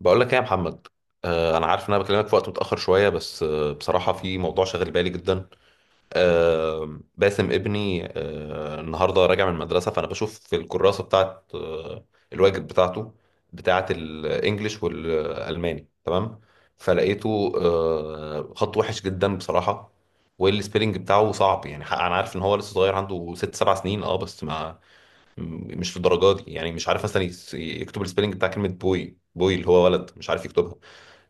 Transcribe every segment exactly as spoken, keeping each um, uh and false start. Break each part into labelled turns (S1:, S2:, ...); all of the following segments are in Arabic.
S1: بقول لك ايه يا محمد؟ آه انا عارف ان انا بكلمك في وقت متاخر شويه، بس آه بصراحه في موضوع شاغل بالي جدا. آه باسم ابني، آه النهارده راجع من المدرسه، فانا بشوف في الكراسه بتاعه، آه الواجب بتاعته، بتاعه الانجليش والالماني تمام، فلقيته آه خط وحش جدا بصراحه، والسبيلنج بتاعه صعب يعني. حق- انا عارف ان هو لسه صغير، عنده ست سبع سنين، اه، بس ما م- مش في الدرجات دي يعني. مش عارف مثلا يس- يكتب السبيلنج بتاع كلمه بوي بوي اللي هو ولد، مش عارف يكتبها.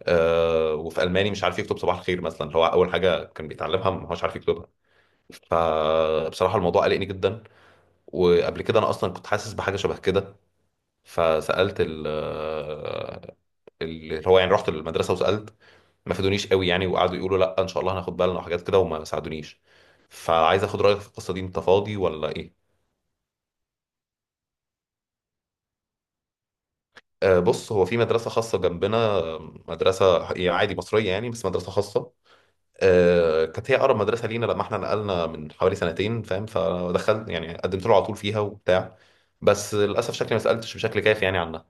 S1: آه وفي الماني مش عارف يكتب صباح الخير مثلا، اللي هو اول حاجه كان بيتعلمها، ما هوش عارف يكتبها. فبصراحه الموضوع قلقني جدا، وقبل كده انا اصلا كنت حاسس بحاجه شبه كده. فسالت ال آه، اللي هو يعني رحت المدرسه وسالت، ما فادونيش قوي يعني، وقعدوا يقولوا لا ان شاء الله هناخد بالنا وحاجات كده، وما ساعدونيش. فعايز اخد رايك في القصه دي، انت فاضي ولا ايه؟ آه، بص، هو في مدرسة خاصة جنبنا، آه، مدرسة ح- يعني عادي مصرية يعني، بس مدرسة خاصة. آه، كانت هي أقرب مدرسة لينا لما احنا نقلنا من حوالي سنتين، فاهم، فدخلت يعني قدمت له على طول فيها وبتاع. بس للأسف شكلي ما سألتش بشكل كافي يعني عنها.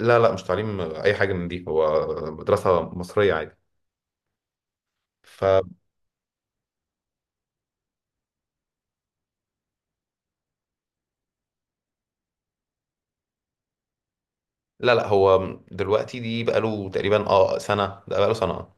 S1: لا لا، مش تعليم آه، أي حاجة من دي هو، مدرسة مصرية عادي. فلا. لا لا، هو دلوقتي دي بقاله تقريبا اه سنة، ده بقاله سنة.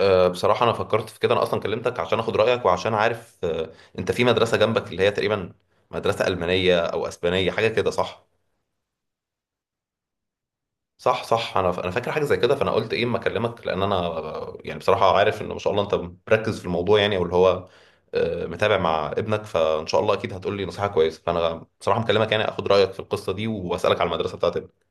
S1: آه، بصراحة أنا فكرت في كده، أنا أصلا كلمتك عشان أخد رأيك، وعشان عارف آه، أنت في مدرسة جنبك اللي هي تقريبا مدرسة ألمانية أو أسبانية، حاجة كده، صح؟ صح صح، أنا ف- أنا فاكر حاجة زي كده، فأنا قلت إيه أما أكلمك، لأن أنا آه، يعني بصراحة عارف إن ما شاء الله أنت مركز في الموضوع يعني، أو اللي هو آه، متابع مع ابنك. فإن شاء الله أكيد هتقول لي نصيحة كويسة، فأنا بصراحة مكلمك يعني أخد رأيك في القصة دي، وأسألك على المدرسة بتاعت ابنك.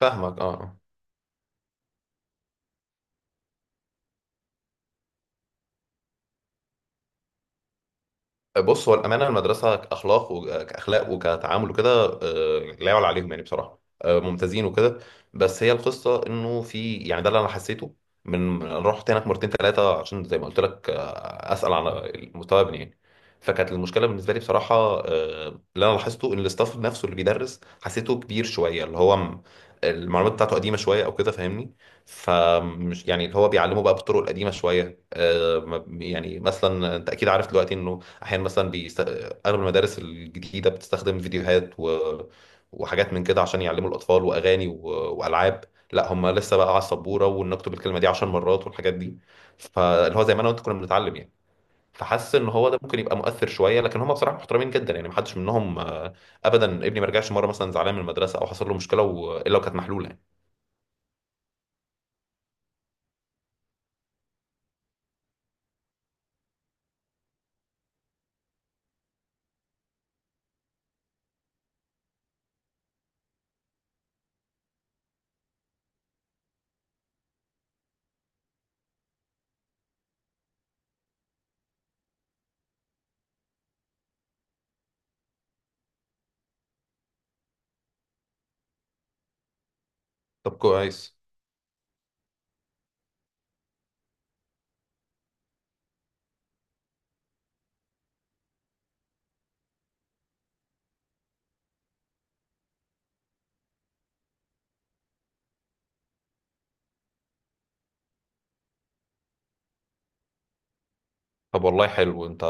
S1: فاهمك، أه آه. بص، هو الأمانة المدرسة كأخلاق وكأخلاق وكتعامل وكده آه، لا يعلى عليهم يعني، بصراحة آه، ممتازين وكده. بس هي القصة إنه في يعني، ده اللي أنا حسيته من من- أنا رحت هناك مرتين ثلاثة عشان زي ما قلت لك، آه، أسأل على مستوى ابني يعني. فكانت المشكلة بالنسبة لي بصراحة، آه، اللي أنا لاحظته إن الاستاف نفسه اللي بيدرس حسيته كبير شوية، اللي هو م- المعلومات بتاعته قديمة شوية أو كده، فاهمني. فمش يعني، اللي هو بيعلمه بقى بالطرق القديمة شوية. آه، ما- يعني مثلا انت اكيد عارف دلوقتي انه احيانا مثلا بيست... اغلب المدارس الجديده بتستخدم فيديوهات و... وحاجات من كده عشان يعلموا الاطفال، واغاني و... والعاب. لا، هم لسه بقى على السبوره ونكتب الكلمه دي 10 مرات والحاجات دي، فاللي هو زي ما انا وانت كنا بنتعلم يعني. فحاسس ان هو ده ممكن يبقى مؤثر شويه، لكن هم بصراحه محترمين جدا يعني، محدش منهم آه، ابدا. ابني ما رجعش مره مثلا زعلان من المدرسه، او حصل له مشكله و... الا وكانت محلوله يعني. طب كويس. طب والله حلو، انت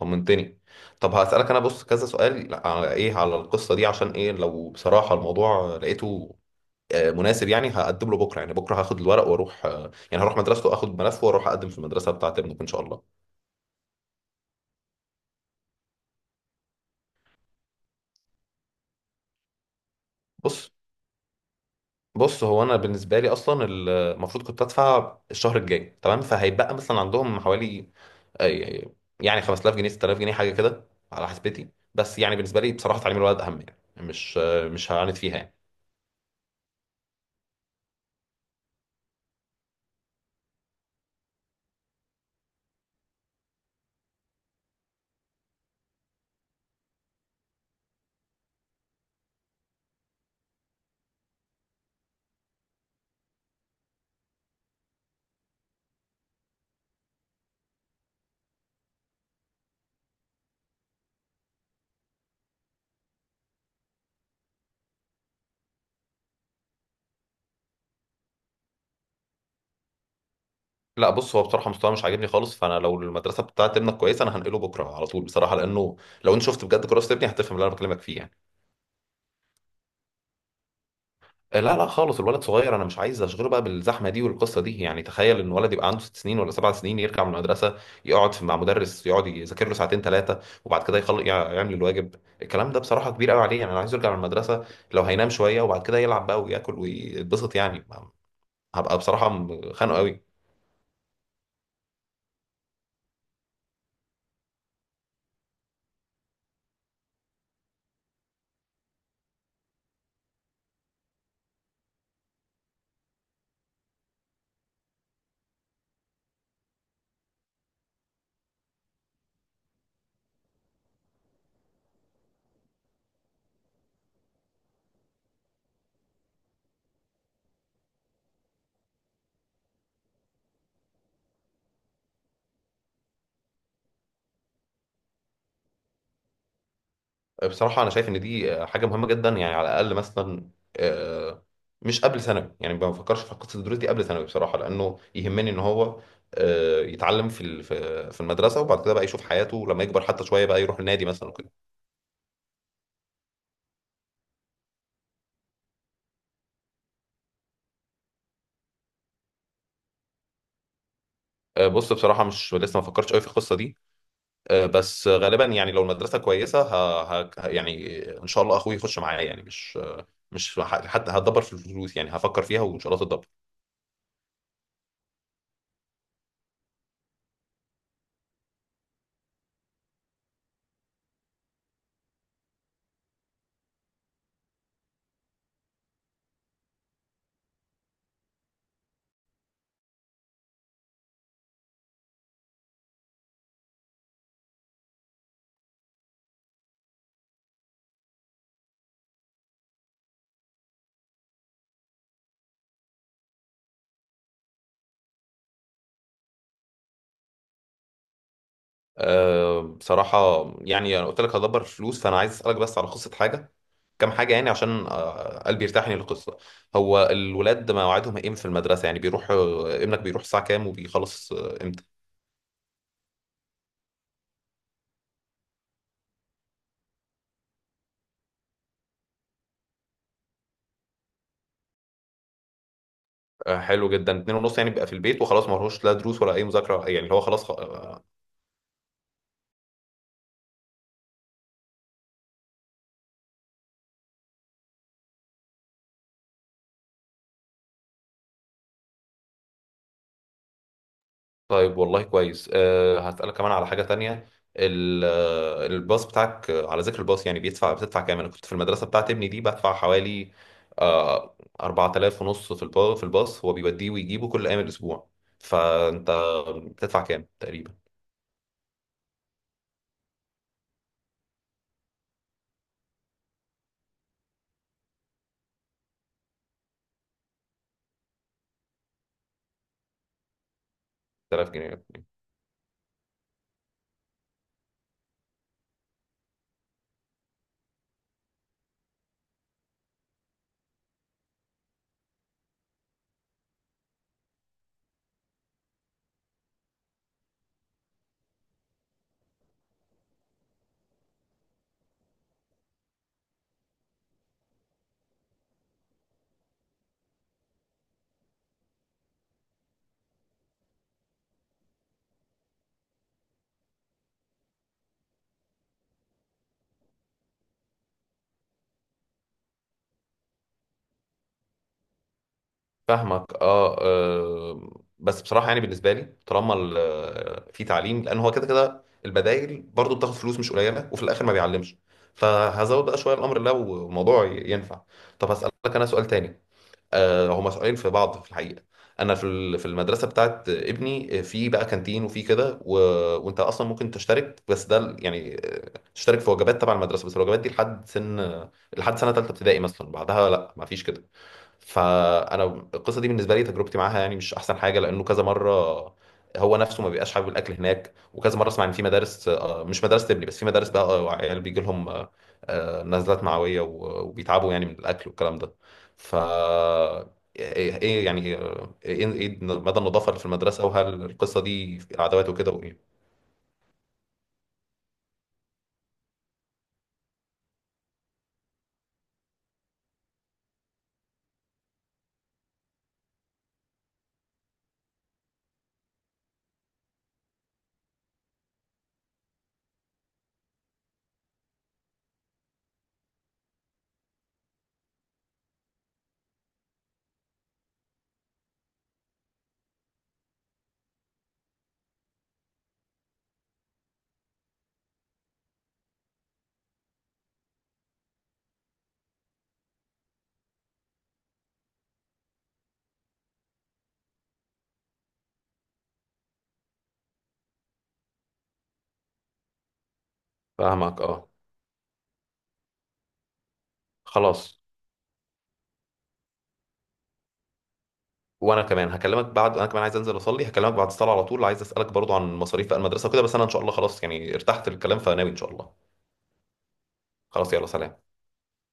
S1: طمنتني. طب هسألك انا بص كذا سؤال على ايه على القصة دي، عشان ايه، لو بصراحة الموضوع لقيته آه، مناسب، يعني هقدم له بكرة. يعني بكرة هاخد الورق واروح، آه، يعني هروح مدرسته اخد ملفه، واروح اقدم في المدرسة بتاعة ابنك ان شاء الله. بص بص هو انا بالنسبة لي اصلا، ال- المفروض كنت ادفع الشهر الجاي تمام، فهيبقى مثلا عندهم حوالي آه، يعني خمسة آلاف جنيه ست آلاف جنيه حاجة كده على حسبتي. بس يعني بالنسبة لي بصراحة تعليم الولد اهم يعني، مش آه، مش هعاند فيها يعني. لا بص، هو بصراحه مستواه مش عاجبني خالص، فانا لو المدرسه بتاعت ابنك كويسه انا هنقله بكره على طول بصراحه، لانه لو انت شفت بجد كراسه ابني هتفهم اللي انا بكلمك فيه يعني. آه، لا لا خالص، الولد صغير انا مش عايز اشغله بقى بالزحمه دي والقصه دي يعني. تخيل ان ولد يبقى عنده ست سنين ولا سبع سنين يرجع من المدرسه، يقعد في- مع مدرس يقعد يذاكر له ساعتين ثلاثه، وبعد كده يخلق يعمل الواجب. الكلام ده بصراحه كبير قوي عليه يعني. انا عايز يرجع من المدرسه لو هينام شويه، وبعد كده يلعب بقى وياكل ويتبسط يعني، هبقى بصراحه خانقه قوي. بصراحة أنا شايف إن دي حاجة مهمة جدا يعني، على الأقل مثلا آه، مش قبل ثانوي، يعني ما بفكرش في قصة الدروس دي قبل ثانوي بصراحة، لأنه يهمني إن هو آه، يتعلم في ال- في في المدرسة، وبعد كده بقى يشوف حياته لما يكبر حتى شوية بقى، يروح النادي مثلا وكده. آه، بص بصراحة مش لسه ما فكرتش قوي في القصة دي. آه، بس غالبا يعني، لو المدرسة كويسة ه... ه... يعني إن شاء الله أخوي يخش معايا يعني، مش مش ه- حتى هتدبر في الفلوس يعني، هفكر فيها وإن شاء الله تتدبر. أه بصراحة، يعني أنا قلت لك هدبر فلوس، فأنا عايز أسألك بس على قصة حاجة كام حاجة يعني، عشان أه، قلبي يرتاح يعني للقصة. هو الولاد مواعيدهم إيه في المدرسة، يعني بيروح أه، ابنك بيروح الساعة كام، وبيخلص أه، إمتى؟ أه، حلو جدا، اتنين ونص يعني بيبقى في البيت وخلاص، ما لهوش لا دروس ولا أي مذاكرة، يعني اللي هو خلاص آه. طيب والله كويس. أه هسألك كمان على حاجة تانية. ال- آه، الباص بتاعك، آه، على ذكر الباص يعني بيدفع بتدفع كام؟ أنا كنت في المدرسة بتاعت ابني دي بدفع حوالي آه أربعة آلاف ونص في الباص، في الباص هو بيوديه ويجيبه كل أيام الأسبوع. فأنت بتدفع كام تقريبا؟ ثلاثة آلاف جنيه؟ فاهمك اه آه. بس بصراحه يعني بالنسبه لي طالما ال- آه، في تعليم، لان هو كده كده البدايل برضو بتاخد فلوس مش قليله وفي الاخر ما بيعلمش، فهزود بقى شويه الامر لو الموضوع ي- ينفع. طب هسالك انا سؤال تاني. آه هما سؤالين في بعض في الحقيقه. انا في ال- في المدرسه بتاعت ابني آه، في بقى كانتين وفي كده و... وانت اصلا ممكن تشترك، بس ده ال- يعني آه، تشترك في وجبات تبع المدرسه، بس الوجبات دي لحد سن، لحد سنه ثالثه ابتدائي مثلا، بعدها لا ما فيش كده. فانا القصه دي بالنسبه لي تجربتي معاها يعني مش احسن حاجه، لانه كذا مره هو نفسه ما بيبقاش حابب الاكل هناك، وكذا مره اسمع ان في مدارس آه، مش مدارس تبني، بس في مدارس بقى آه، عيال بيجي لهم آه، آه، نزلات معويه و- وبيتعبوا يعني من الاكل والكلام ده. ف ايه إيه يعني آه، ايه إيه مدى النظافه اللي في المدرسه، وهل القصه دي عداوات وكده وايه؟ فاهمك اه. خلاص، وانا كمان هكلمك بعد. انا كمان عايز انزل اصلي، هكلمك بعد الصلاه على طول، عايز اسالك برضو عن مصاريف بقى المدرسه وكده، بس انا ان شاء الله خلاص يعني ارتحت للكلام، فناوي ان شاء الله. خلاص، يلا سلام.